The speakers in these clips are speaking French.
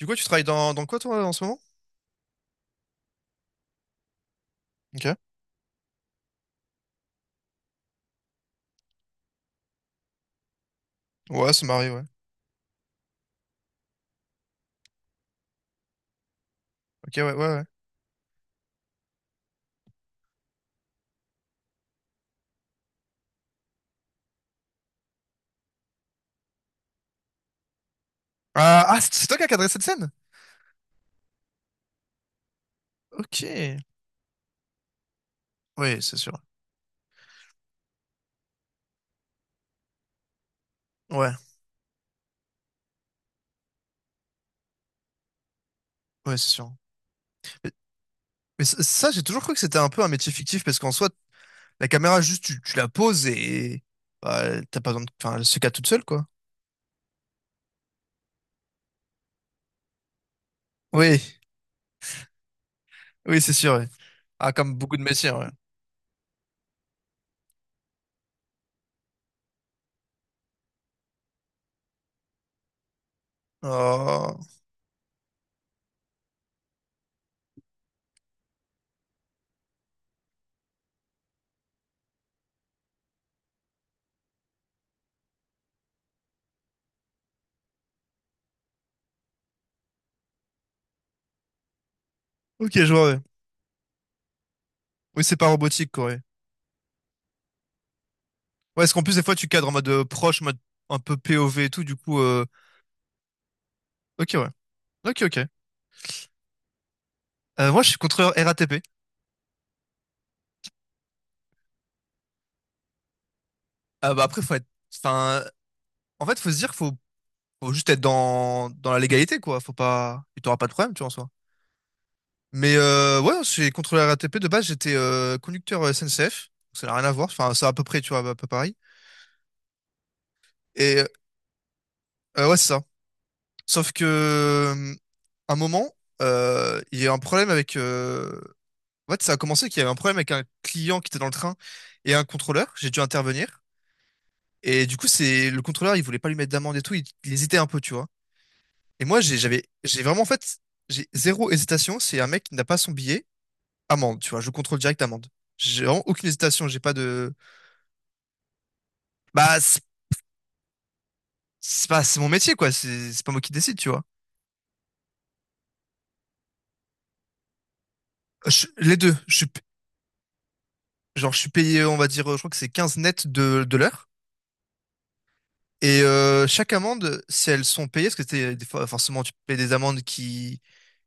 Du coup, tu travailles dans quoi, toi, en ce moment? Ok. Ouais, ça m'arrive, ouais. Ok, ouais, ouais, ouais. Ah, ah, c'est toi qui as cadré cette scène? Ok. Oui, c'est sûr. Ouais, ouais, c'est sûr. Mais, mais ça, j'ai toujours cru que c'était un peu un métier fictif, parce qu'en soi, la caméra, juste, tu la poses et bah, t'as pas besoin de, enfin, elle se cadre toute seule, quoi. Oui, oui, c'est sûr, ouais. Ah, comme beaucoup de métiers, ouais. Oh. Ok, je vois, ouais. Oui, c'est pas robotique, quoi, ouais. Ouais, est-ce qu'en plus, des fois, tu cadres en mode proche, en mode un peu POV et tout, du coup. Ok, ouais. Ok, ok. Moi, je suis contrôleur RATP. Bah, après, faut être. Enfin, en fait, faut se dire, qu'il faut juste être dans la légalité, quoi. Faut pas. Tu t'auras pas de problème, tu vois, en soi. Mais ouais, je suis contrôleur RATP. De base, j'étais conducteur SNCF. Donc, ça n'a rien à voir. Enfin, c'est à peu près, tu vois, à peu pareil. Et ouais, c'est ça. Sauf que, un moment, il y a eu un problème avec. En fait, ça a commencé qu'il y avait un problème avec un client qui était dans le train et un contrôleur. J'ai dû intervenir. Et du coup, c'est le contrôleur, il voulait pas lui mettre d'amende et tout. Il hésitait un peu, tu vois. Et moi, j'ai vraiment, en fait, j'ai zéro hésitation. C'est un mec qui n'a pas son billet, amende, tu vois, je contrôle direct amende. J'ai vraiment aucune hésitation, j'ai pas de. Bah, c'est pas, c'est mon métier, quoi, c'est pas moi qui décide, tu vois. Les deux, genre, je suis payé, on va dire, je crois que c'est 15 net de l'heure. Et chaque amende, si elles sont payées, parce que des fois, forcément, tu payes des amendes qui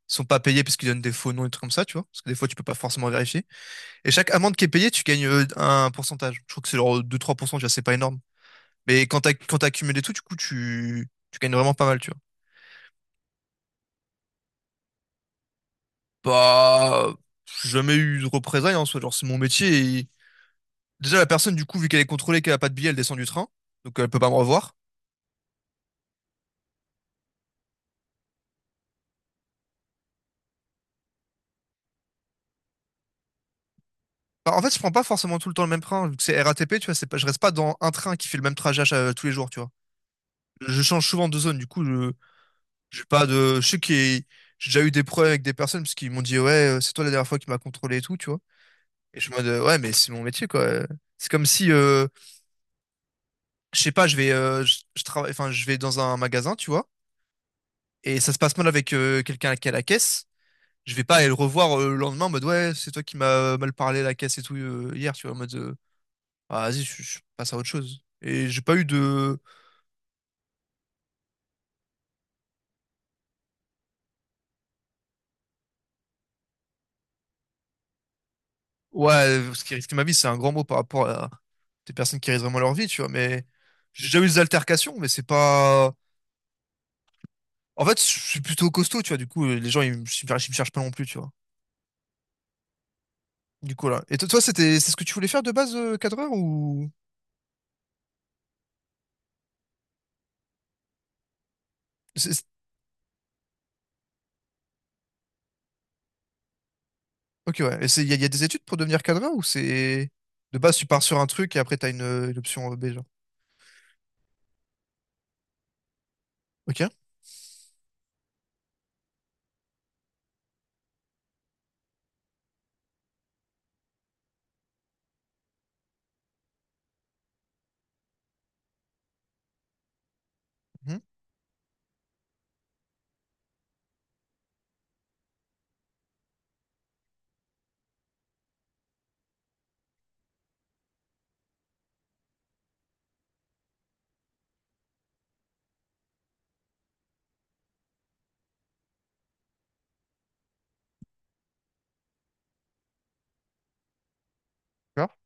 sont pas payées parce qu'ils donnent des faux noms et des trucs comme ça, tu vois. Parce que des fois, tu peux pas forcément vérifier. Et chaque amende qui est payée, tu gagnes un pourcentage. Je crois que c'est genre 2-3%, tu vois, c'est pas énorme. Mais quand t'as accumulé tout, du coup, tu gagnes vraiment pas mal, tu vois. Bah, j'ai jamais eu de représailles en soi, genre c'est mon métier. Déjà, la personne, du coup, vu qu'elle est contrôlée, qu'elle a pas de billet, elle descend du train, donc elle peut pas me revoir. Bah, en fait, je prends pas forcément tout le temps le même train, vu que c'est R A T P tu vois, c'est pas, je reste pas dans un train qui fait le même trajet tous les jours, tu vois. Je change souvent de zone, du coup, j'ai pas de, je sais que j'ai déjà eu des problèmes avec des personnes parce qu'ils m'ont dit, ouais, c'est toi la dernière fois qui m'a contrôlé et tout, tu vois. Et je me dis, ouais, mais c'est mon métier, quoi. C'est comme si, je sais pas, je travaille, enfin, je vais dans un magasin, tu vois, et ça se passe mal avec quelqu'un qui est à la caisse. Je vais pas aller le revoir le lendemain en mode ouais, c'est toi qui m'as mal parlé à la caisse et tout hier, tu vois, en mode. Ah, vas-y, je passe à autre chose. Et j'ai pas eu de ouais, ce qui risque ma vie, c'est un grand mot par rapport à des personnes qui risquent vraiment leur vie, tu vois, mais j'ai déjà eu des altercations, mais c'est pas. En fait, je suis plutôt costaud, tu vois, du coup, les gens, ils me cherchent pas non plus, tu vois. Du coup, là. Et toi, c'est ce que tu voulais faire de base, cadreur, ou. C'est- Ok, ouais. Et c'est, il y, a y a des études pour devenir cadreur ou c'est. De base, tu pars sur un truc et après, t'as une option B, genre. Ok. Mhm. D'accord.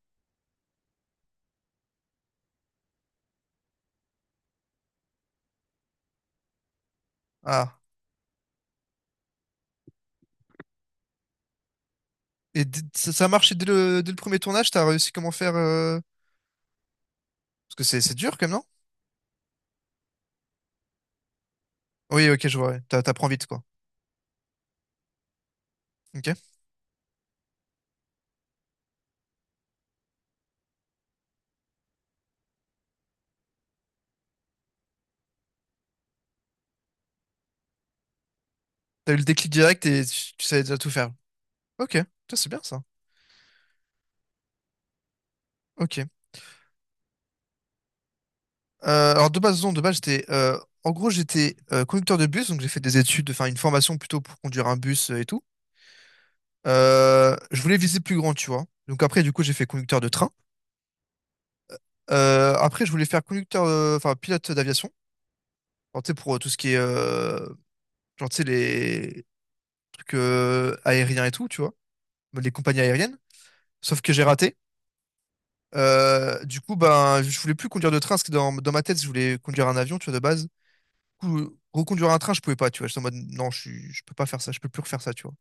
Ah. Et ça, ça a marché dès le premier tournage, t'as réussi comment faire. Parce que c'est dur quand même, non? Oui, ok, je vois, ouais. T'apprends vite, quoi. Ok. T'as eu le déclic direct et tu savais déjà tout faire. Ok, ça c'est bien ça. Ok. Alors de base, non, de base, en gros, j'étais conducteur de bus, donc j'ai fait des études, enfin une formation plutôt pour conduire un bus et tout. Je voulais viser plus grand, tu vois. Donc après, du coup, j'ai fait conducteur de train. Après, je voulais faire enfin pilote d'aviation. Alors, tu sais, pour tout ce qui est, genre, tu sais, les trucs aériens et tout, tu vois, les compagnies aériennes. Sauf que j'ai raté. Du coup, ben, je voulais plus conduire de train, parce que dans ma tête, je voulais conduire un avion, tu vois, de base. Coup, reconduire un train, je pouvais pas, tu vois. J'étais en mode, non, je peux pas faire ça, je peux plus refaire ça, tu vois.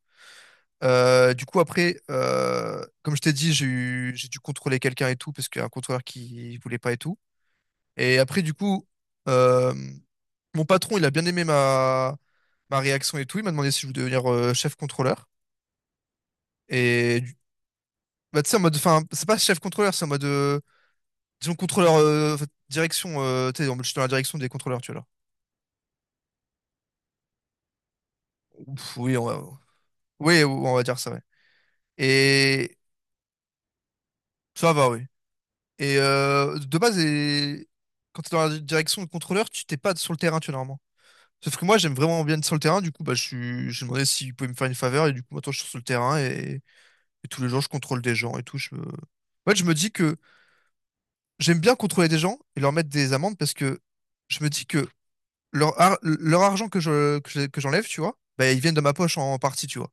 Du coup, après, comme je t'ai dit, j'ai dû contrôler quelqu'un et tout, parce qu'il y a un contrôleur qui voulait pas et tout. Et après, du coup, euh, mon patron, il a bien aimé ma réaction et tout. Il m'a demandé si je voulais devenir chef contrôleur. Et du- Bah, tu sais, en mode, enfin, c'est pas chef contrôleur, c'est en mode, disons, contrôleur, en fait, direction, tu sais, en mode, je suis dans la direction des contrôleurs, tu vois. Là. Ouf, oui, on va dire ça, ouais. Et ça va, oui. Et de base, et. Quand tu es dans la direction de contrôleur, tu t'es pas sur le terrain, tu vois, normalement. Sauf que moi, j'aime vraiment bien être sur le terrain, du coup, bah, j'ai demandé s'il pouvait me faire une faveur, et du coup, maintenant, je suis sur le terrain, et tous les jours, je contrôle des gens et tout. En fait, je me dis que j'aime bien contrôler des gens et leur mettre des amendes parce que je me dis que leur argent que j'enlève, tu vois, bah, ils viennent de ma poche en partie, tu vois.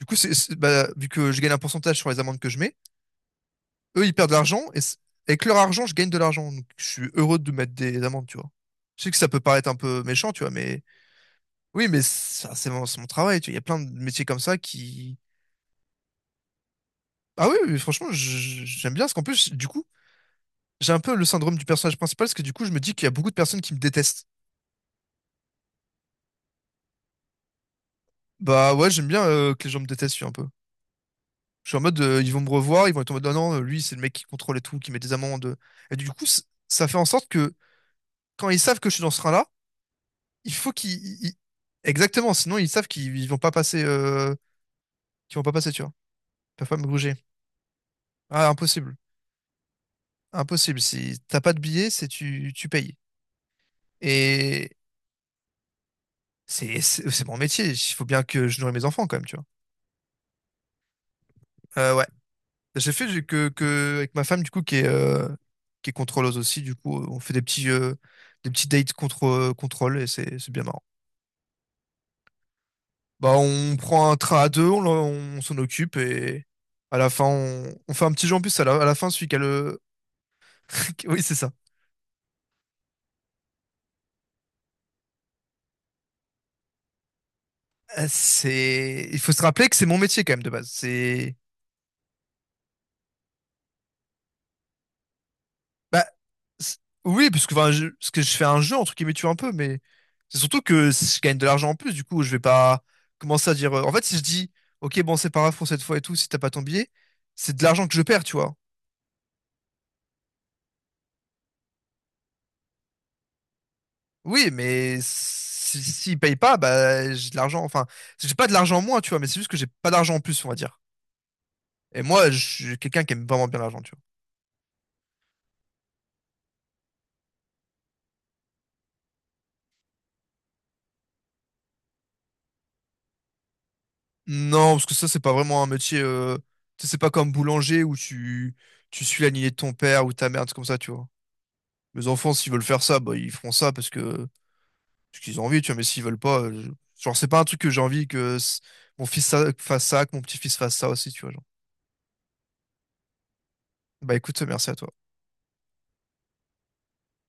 Du coup, c'est, bah, vu que je gagne un pourcentage sur les amendes que je mets, eux, ils perdent de l'argent et avec leur argent, je gagne de l'argent. Donc, je suis heureux de mettre des amendes, tu vois. Je sais que ça peut paraître un peu méchant, tu vois, mais oui, mais ça, c'est mon travail, tu vois. Il y a plein de métiers comme ça qui. Ah oui, oui, franchement, j'aime bien parce qu'en plus, du coup, j'ai un peu le syndrome du personnage principal parce que du coup, je me dis qu'il y a beaucoup de personnes qui me détestent. Bah ouais, j'aime bien que les gens me détestent, tu vois, un peu. Je suis en mode, ils vont me revoir, ils vont être en mode, non, non, lui, c'est le mec qui contrôle et tout, qui met des amendes. Et du coup, ça fait en sorte que quand ils savent que je suis dans ce train-là, il faut qu'ils. Exactement, sinon ils savent qu'ils ils vont pas passer, qu'ils vont pas passer, tu vois. Ils peuvent pas me gruger. Ah, impossible. Impossible. Si t'as pas de billet, tu payes. Et c'est mon métier. Il faut bien que je nourris mes enfants quand même, tu vois. Ouais. Que avec ma femme du coup qui est contrôleuse aussi. Du coup, on fait des petits dates contre contrôle et c'est bien marrant. Bah, on prend un train à deux, on s'en occupe et à la fin on fait un petit jeu en plus. À la fin, celui qui a le. Oui, c'est ça. Il faut se rappeler que c'est mon métier quand même de base. Bah, c'est- oui, parce que, enfin, parce que je fais un jeu entre guillemets, tu vois, un peu, mais c'est surtout que si je gagne de l'argent en plus. Du coup, je vais pas commencer à dire. En fait, si je dis, ok, bon, c'est pas grave pour cette fois et tout, si t'as pas ton billet, c'est de l'argent que je perds, tu vois. Oui, mais si... s'ils payent pas, bah, j'ai de l'argent. Enfin, j'ai pas de l'argent en moins, tu vois, mais c'est juste que j'ai pas d'argent en plus, on va dire. Et moi, je suis quelqu'un qui aime vraiment bien l'argent, tu vois. Non, parce que ça, c'est pas vraiment un métier. Tu sais, c'est pas comme boulanger où tu suis la lignée de ton père ou ta mère, c'est comme ça, tu vois. Mes enfants, s'ils veulent faire ça, bah, ils feront ça parce qu'ils ont envie, tu vois. Mais s'ils veulent pas, genre, c'est pas un truc que j'ai envie que mon fils fasse ça, que mon petit-fils fasse ça aussi, tu vois. Genre. Bah écoute, merci à toi.